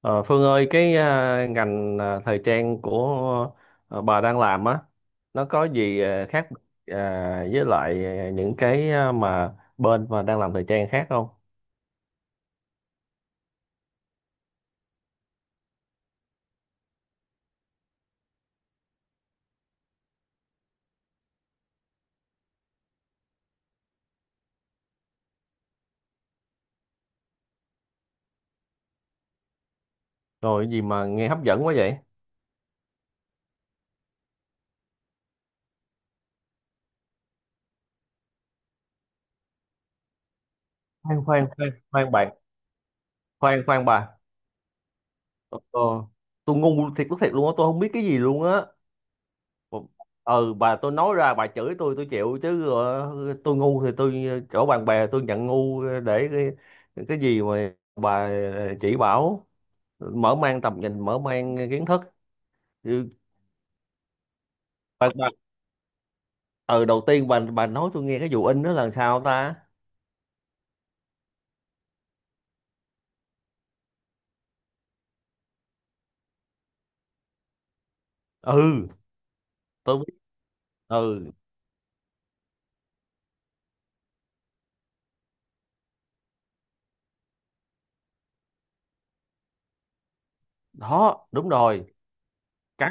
Ờ, Phương ơi, cái ngành thời trang của bà đang làm á, nó có gì khác với lại những cái mà bên mà đang làm thời trang khác không? Rồi cái gì mà nghe hấp dẫn quá vậy? Khoan khoan khoan khoan bạn, khoan khoan bà. Ờ, ờ, tôi ngu thiệt lúc thiệt luôn á, tôi không biết cái gì luôn á. Ừ, bà tôi nói ra bà chửi tôi chịu chứ, tôi ngu thì tôi, chỗ bạn bè tôi nhận ngu để cái gì mà bà chỉ bảo, mở mang tầm nhìn mở mang kiến thức. Ừ. Bà, ừ đầu tiên bà nói tôi nghe cái vụ in đó là sao ta? Ừ, tôi biết. Ừ, đó đúng rồi. cái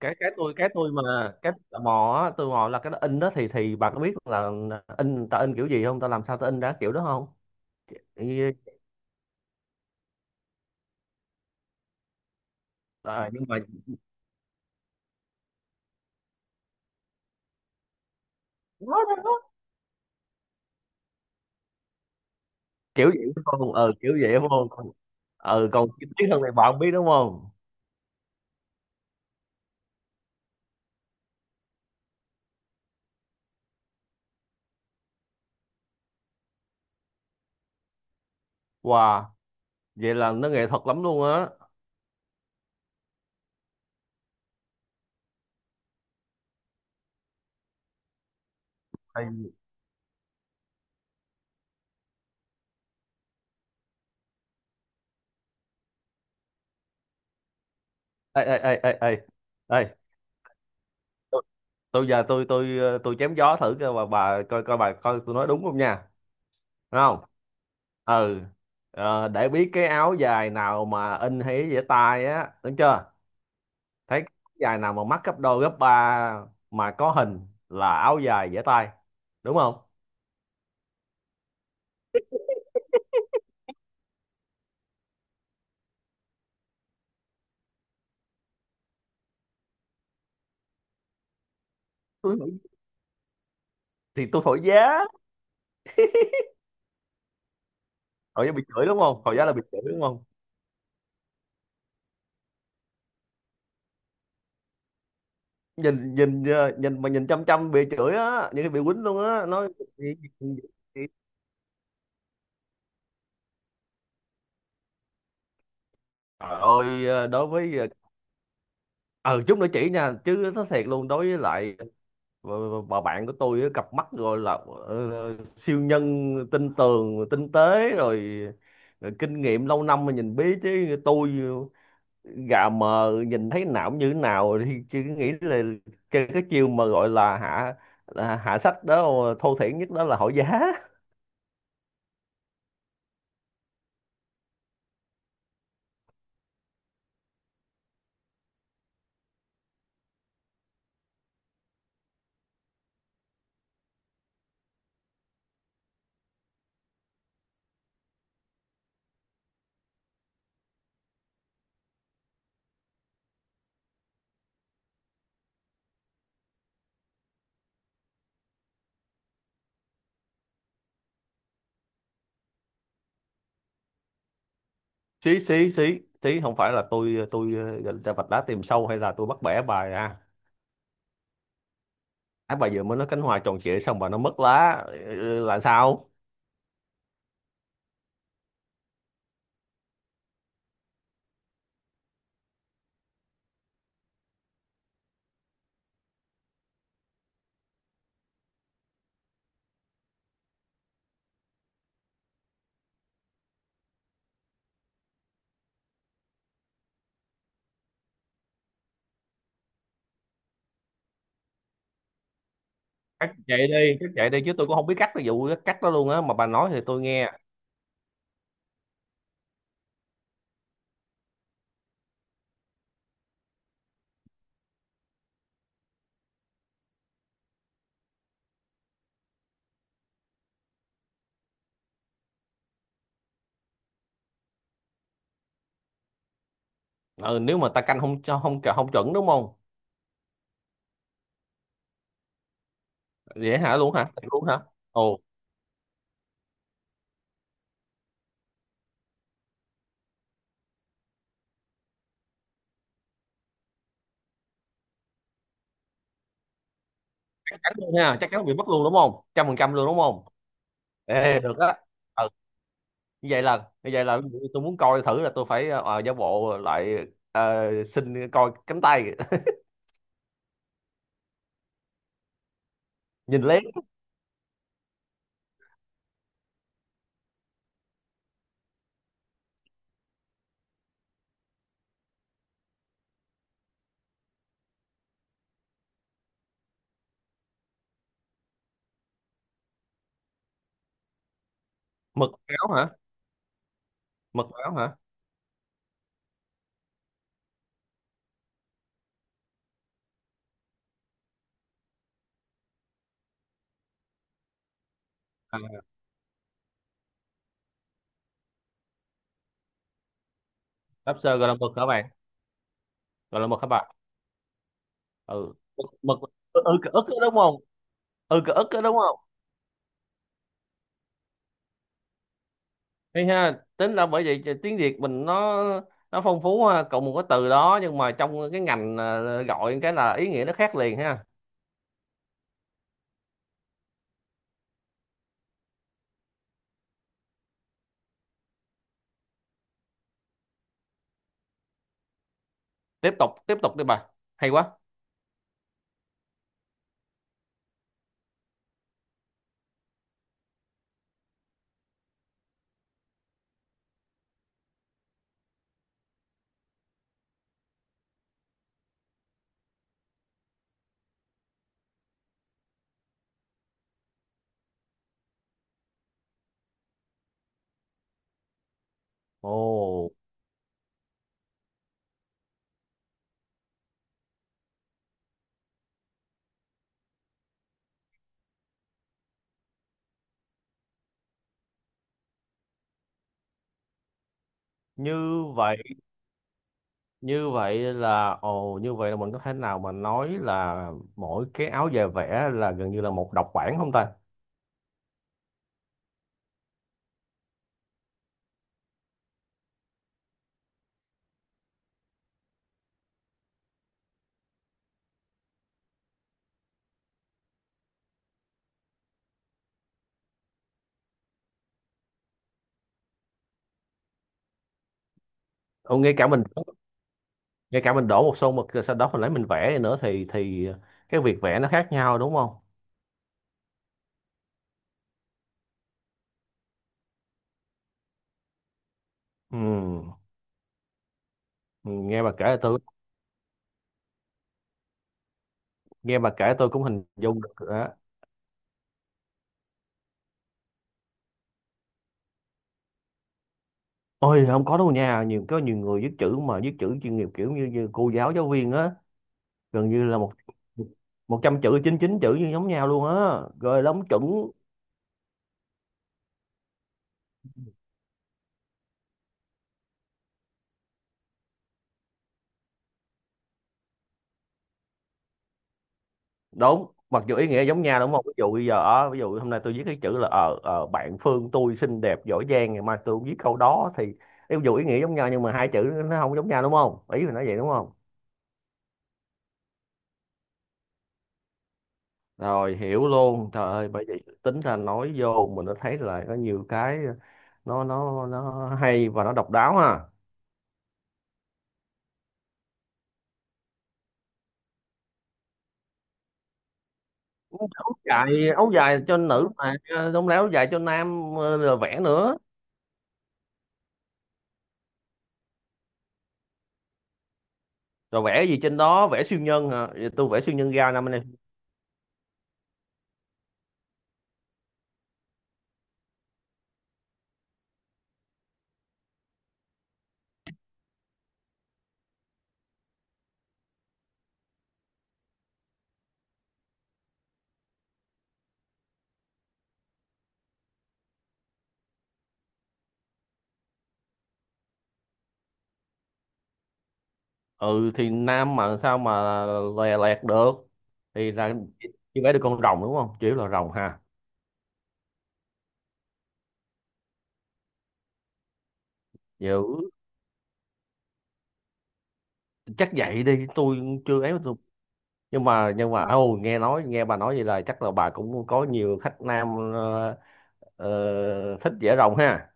cái cái tôi cái tôi mà cái tò mò á, tôi mò là cái đó in đó thì bà có biết là in ta in kiểu gì không, ta làm sao ta in ra kiểu đó không? Ừ. Nhưng mà đó, đó, đó. Kiểu vậy đúng không? Ừ, kiểu vậy đúng không? Còn- ừ, còn chi tiết hơn này bà không biết đúng không? Wow, vậy là nó nghệ thuật lắm luôn á. Ê, ê, ê, ê, ê, ê. Ê, tôi tôi giờ tôi chém gió thử coi bà coi coi bà coi tôi nói đúng không nha? Đúng không? Ừ. Để biết cái áo dài nào mà in hay dễ tay á, đúng chưa? Thấy cái áo dài nào mà mắc gấp đôi gấp ba mà có hình là áo dài dễ tay, đúng không? tôi hỏi- thì tôi thổi giá. Thổi giá bị chửi đúng không? Thổi giá là bị chửi đúng không? Nhìn nhìn ờ, nhìn mà nhìn chăm chăm bị chửi á, những cái bị quýnh luôn á nói. Gì- gì- gì- gì. Trời ơi, đối với, ừ chút nữa chỉ nha chứ nó thiệt luôn. Đối với lại bà, bà bạn của tôi á, cặp mắt gọi là siêu nhân tinh tường tinh tế rồi, kinh nghiệm lâu năm mà nhìn biết, chứ tôi gà mờ nhìn thấy não như thế nào thì chứ nghĩ là cái chiêu mà gọi là hạ sách đó, thô thiển nhất đó là hỏi giá. Xí xí xí xí, không phải là tôi gạch ra vạch đá tìm sâu hay là tôi bắt bẻ bài à. Á, bà vừa mới nói cánh hoa tròn trịa xong bà nó mất lá. Ừ, là sao? Cắt chạy đi, cắt chạy đi, chứ tôi cũng không biết cắt, cái vụ cắt đó luôn á, mà bà nói thì tôi nghe. Ừ, nếu mà ta canh không cho không không chuẩn đúng không? Dễ hả luôn hả? Thiệt luôn hả? Ồ, chắc chắn luôn ha, chắc chắn bị mất luôn đúng không? 100% luôn đúng không? Ê, được á. Ừ, như vậy là tôi muốn coi thử là tôi phải giả bộ lại, xin coi cánh tay nhìn lén. Mực áo hả? Mực áo hả? À, lobster gọi là mực hả bạn? Gọi là mực hả bà? Ừ, mực. Ừ, cái ức đó đúng không? Ừ, cái ức đó đúng không? Thấy ha, tính ra bởi vậy tiếng Việt mình nó phong phú ha, cộng một cái từ đó nhưng mà trong cái ngành, gọi cái là ý nghĩa nó khác liền ha. Tiếp tục tiếp tục đi bà, hay quá. Ồ, như vậy như vậy là mình có thể nào mà nói là mỗi cái áo dài vẽ là gần như là một độc bản không ta? Ồ, ngay cả mình đổ một xô mực rồi sau đó mình lấy mình vẽ nữa, thì cái việc vẽ nó khác nhau đúng không? Ừ. Ừ, nghe bà kể tôi cũng hình dung được rồi á. Ôi không có đâu nha, có nhiều người viết chữ mà viết chữ chuyên nghiệp kiểu như cô giáo, giáo viên á, gần như là một 100 chữ 99 chữ như giống nhau luôn á, rồi lắm chuẩn. Đúng. Mặc dù ý nghĩa giống nhau đúng không? Ví dụ bây giờ, ví dụ hôm nay tôi viết cái chữ là, bạn Phương tôi xinh đẹp giỏi giang, ngày mai tôi cũng viết câu đó thì ví dụ ý nghĩa giống nhau nhưng mà hai chữ nó không giống nhau đúng không? Ý là nói vậy đúng không? Rồi hiểu luôn, trời ơi, bởi vậy tính ra nói vô mình nó thấy là có nhiều cái nó hay và nó độc đáo ha. áo Áo dài cho nữ mà, không lẽ áo dài cho nam, rồi vẽ nữa? Rồi vẽ gì trên đó? Vẽ siêu nhân hả? Vậy tôi vẽ siêu nhân ra năm nay. Ừ thì nam mà sao mà lè lẹt được? Thì là chỉ vẽ được con rồng đúng không, chỉ là rồng ha? Dữ. Chắc vậy đi. Tôi chưa ấy. Tôi nhưng mà Ờ, ô nghe bà nói vậy là chắc là bà cũng có nhiều khách nam, ờ, thích dễ rồng ha.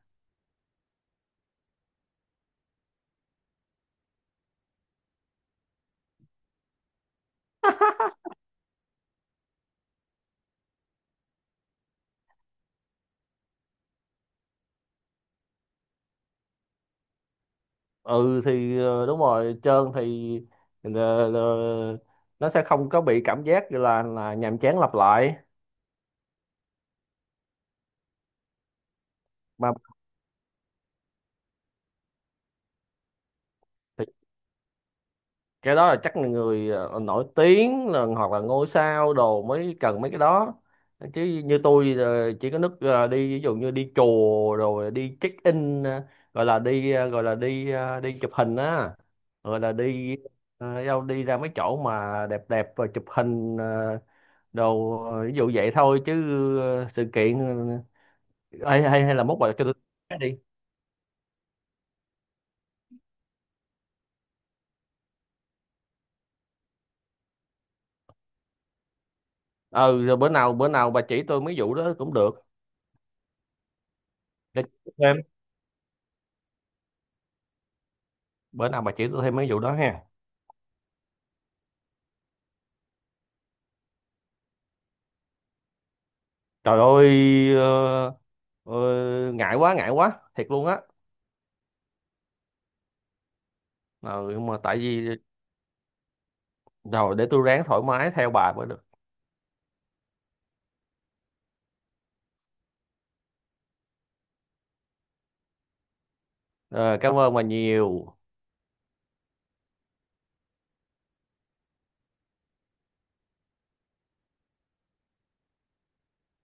Ừ thì, đúng rồi, trơn thì, ờ, ờ, nó sẽ không có bị cảm giác là nhàm chán lặp lại. Mà cái đó là chắc là người, nổi tiếng là, hoặc là ngôi sao đồ mới cần mấy cái đó, chứ như tôi, chỉ có nước, đi ví dụ như đi chùa rồi đi check in, ờ, gọi là đi ờ, gọi là đi ờ, đi chụp hình á, gọi là đi ờ, đâu đi ra mấy chỗ mà đẹp đẹp và chụp hình, đồ, ví dụ vậy thôi chứ, sự kiện, ờ, hay hay hay là mốt bà cho tôi cái đi. Ừ, rồi bữa nào bà chỉ tôi mấy vụ đó cũng được. Để tôi thêm Bữa nào bà chỉ tôi thêm mấy vụ đó ha. Trời ơi, ờ, ngại quá thiệt luôn á. Ờ, nhưng mà tại vì rồi để tôi ráng thoải mái theo bà mới được. Ờ, Cảm ơn bà nhiều.